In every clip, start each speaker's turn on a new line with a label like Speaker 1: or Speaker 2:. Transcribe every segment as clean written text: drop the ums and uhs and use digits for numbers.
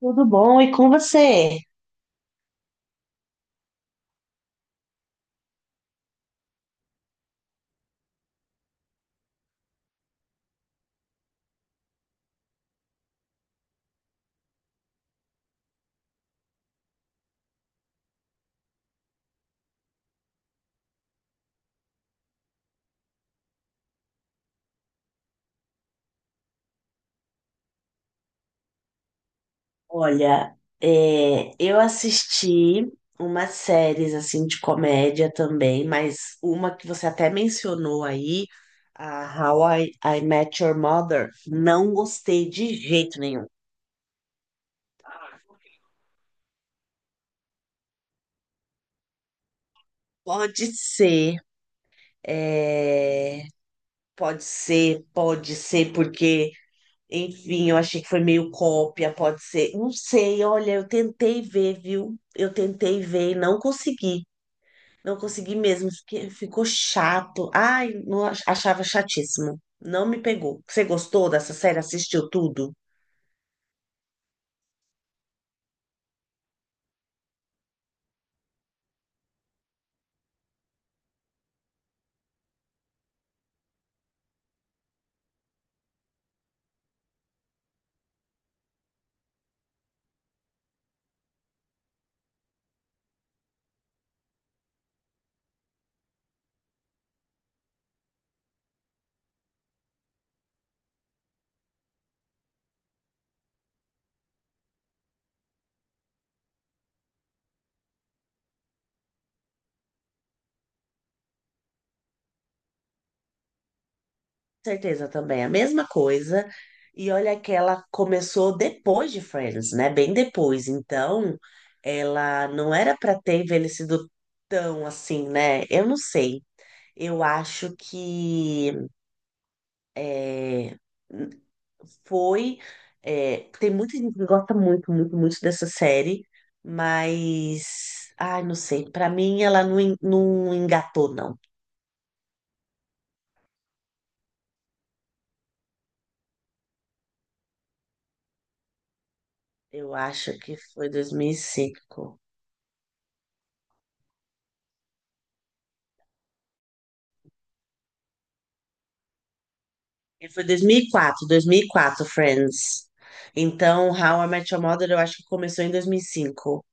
Speaker 1: Tudo bom? E com você? Olha, eu assisti umas séries assim de comédia também, mas uma que você até mencionou aí, a How I Met Your Mother, não gostei de jeito nenhum. Pode ser, é, pode ser, pode ser, porque, enfim, eu achei que foi meio cópia, pode ser, não sei, olha, eu tentei ver, viu? Eu tentei ver e não consegui. Não consegui mesmo, ficou chato. Ai, não achava chatíssimo. Não me pegou. Você gostou dessa série? Assistiu tudo? Certeza também, a mesma coisa. E olha que ela começou depois de Friends, né? Bem depois. Então, ela não era para ter envelhecido tão assim, né? Eu não sei. Eu acho que é, foi. Tem muita gente que gosta muito, muito, muito dessa série, mas. Ai, não sei. Pra mim, ela não, não engatou, não. Eu acho que foi 2005 E foi dois mil e quatro, 2004, Friends. Então, How I Met Your Mother, eu acho que começou em 2005.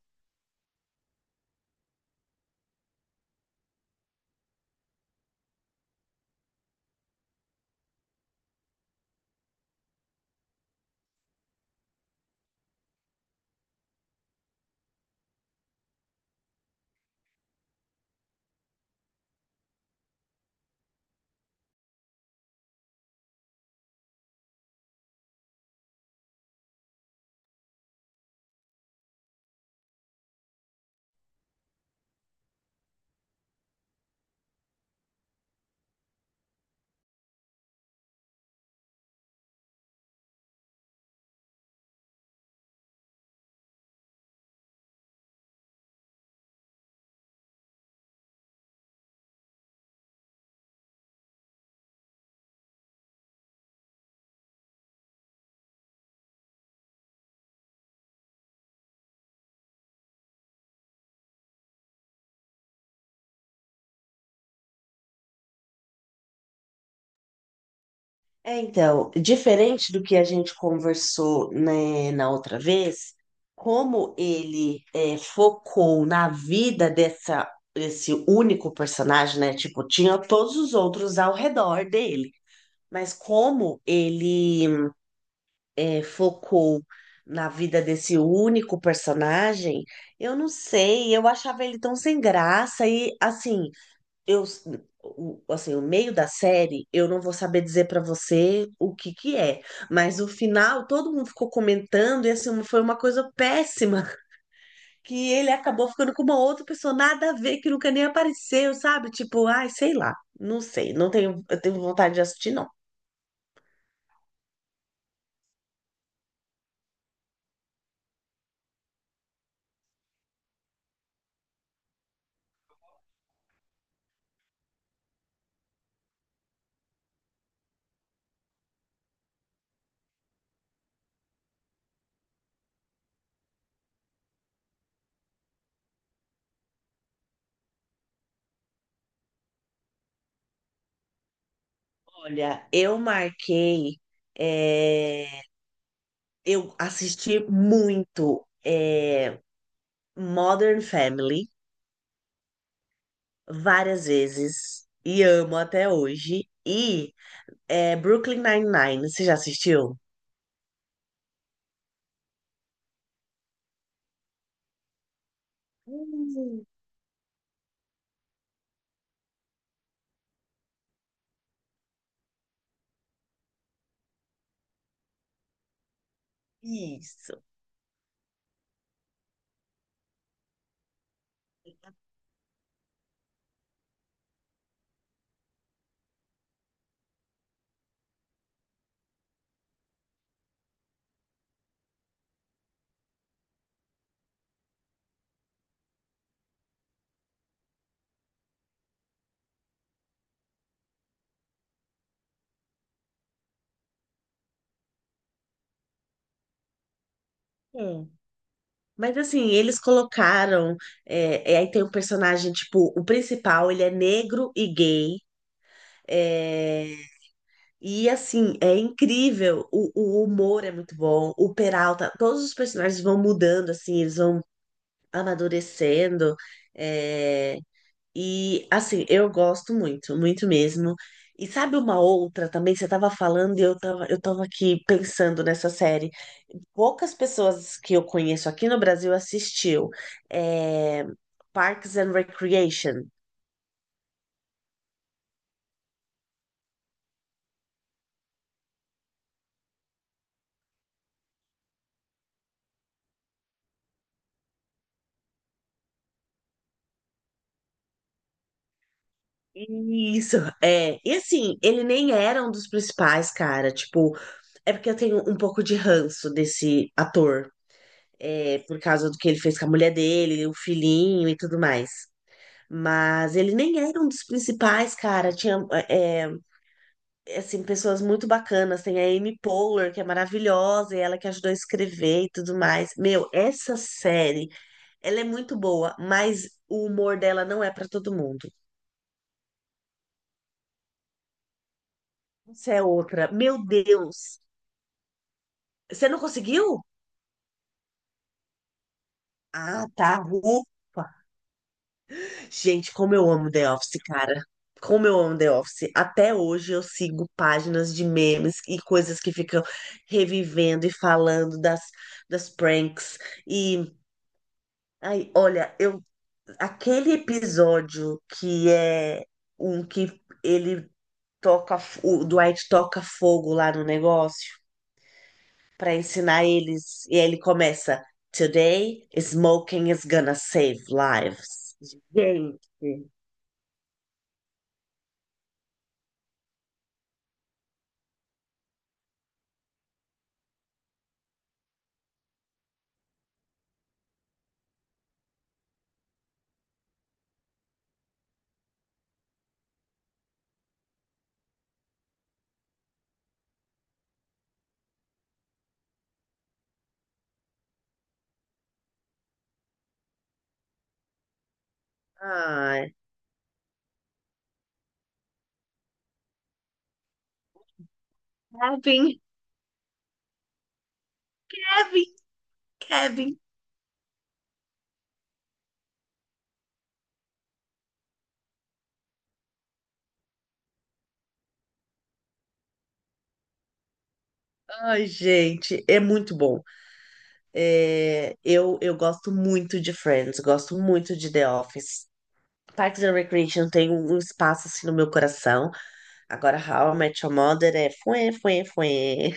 Speaker 1: É, então, diferente do que a gente conversou, né, na outra vez, como ele focou na vida desse único personagem, né? Tipo, tinha todos os outros ao redor dele, mas como ele focou na vida desse único personagem, eu não sei, eu achava ele tão sem graça, e assim eu, assim, o meio da série, eu não vou saber dizer pra você o que que é, mas o final todo mundo ficou comentando e, assim, foi uma coisa péssima, que ele acabou ficando com uma outra pessoa nada a ver, que nunca nem apareceu, sabe? Tipo, ai, sei lá, não sei, não tenho, eu tenho vontade de assistir, não. Olha, eu marquei, é, eu assisti muito, Modern Family várias vezes e amo até hoje. E Brooklyn Nine-Nine, você já assistiu? Hum, Isso. Hum. Mas assim, eles colocaram. Aí tem um personagem, tipo, o principal, ele é negro e gay. é, e assim, é incrível. O humor é muito bom. O Peralta, todos os personagens vão mudando, assim, eles vão amadurecendo. é, E assim, eu gosto muito, muito mesmo. E sabe uma outra também, você estava falando e eu tava aqui pensando nessa série. Poucas pessoas que eu conheço aqui no Brasil assistiu. É, Parks and Recreation. Isso, é. E assim, ele nem era um dos principais, cara. Tipo, é porque eu tenho um pouco de ranço desse ator. É, por causa do que ele fez com a mulher dele, o filhinho e tudo mais. Mas ele nem era um dos principais, cara. Tinha, é, assim, pessoas muito bacanas. Tem a Amy Poehler, que é maravilhosa, e ela que ajudou a escrever e tudo mais. Meu, essa série, ela é muito boa, mas o humor dela não é pra todo mundo. Essa é outra. Meu Deus! Você não conseguiu? Ah, tá. Ufa. Gente, como eu amo The Office, cara. Como eu amo The Office. Até hoje eu sigo páginas de memes e coisas que ficam revivendo e falando das pranks. E, ai, olha, aquele episódio que é um que ele toca, o Dwight toca fogo lá no negócio para ensinar eles. E aí ele começa: Today, smoking is gonna save lives. Gente. Ai, sabe? Kevin, Kevin. Ai, gente, é muito bom. Eu gosto muito de Friends, gosto muito de The Office. Parks and Recreation tem um espaço assim no meu coração. Agora, How I Met Your Mother é fuê, fuê, fuê.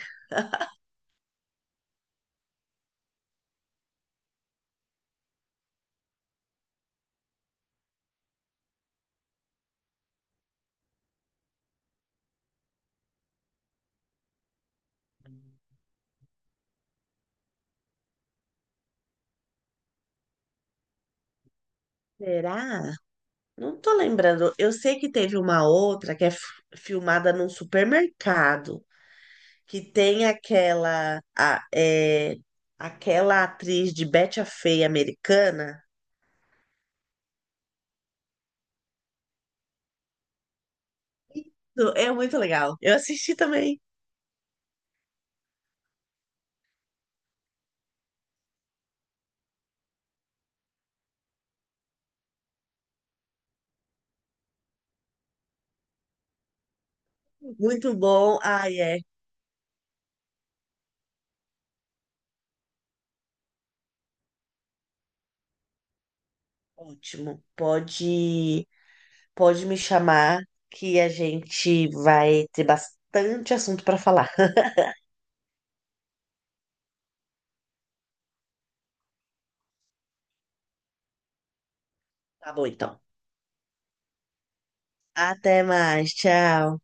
Speaker 1: Será? Não tô lembrando. Eu sei que teve uma outra que é filmada num supermercado, que tem aquela atriz de Betty a Feia americana. É muito legal. Eu assisti também. Muito bom. Ai, é ótimo. Pode me chamar que a gente vai ter bastante assunto para falar. Tá bom, então. Até mais. Tchau.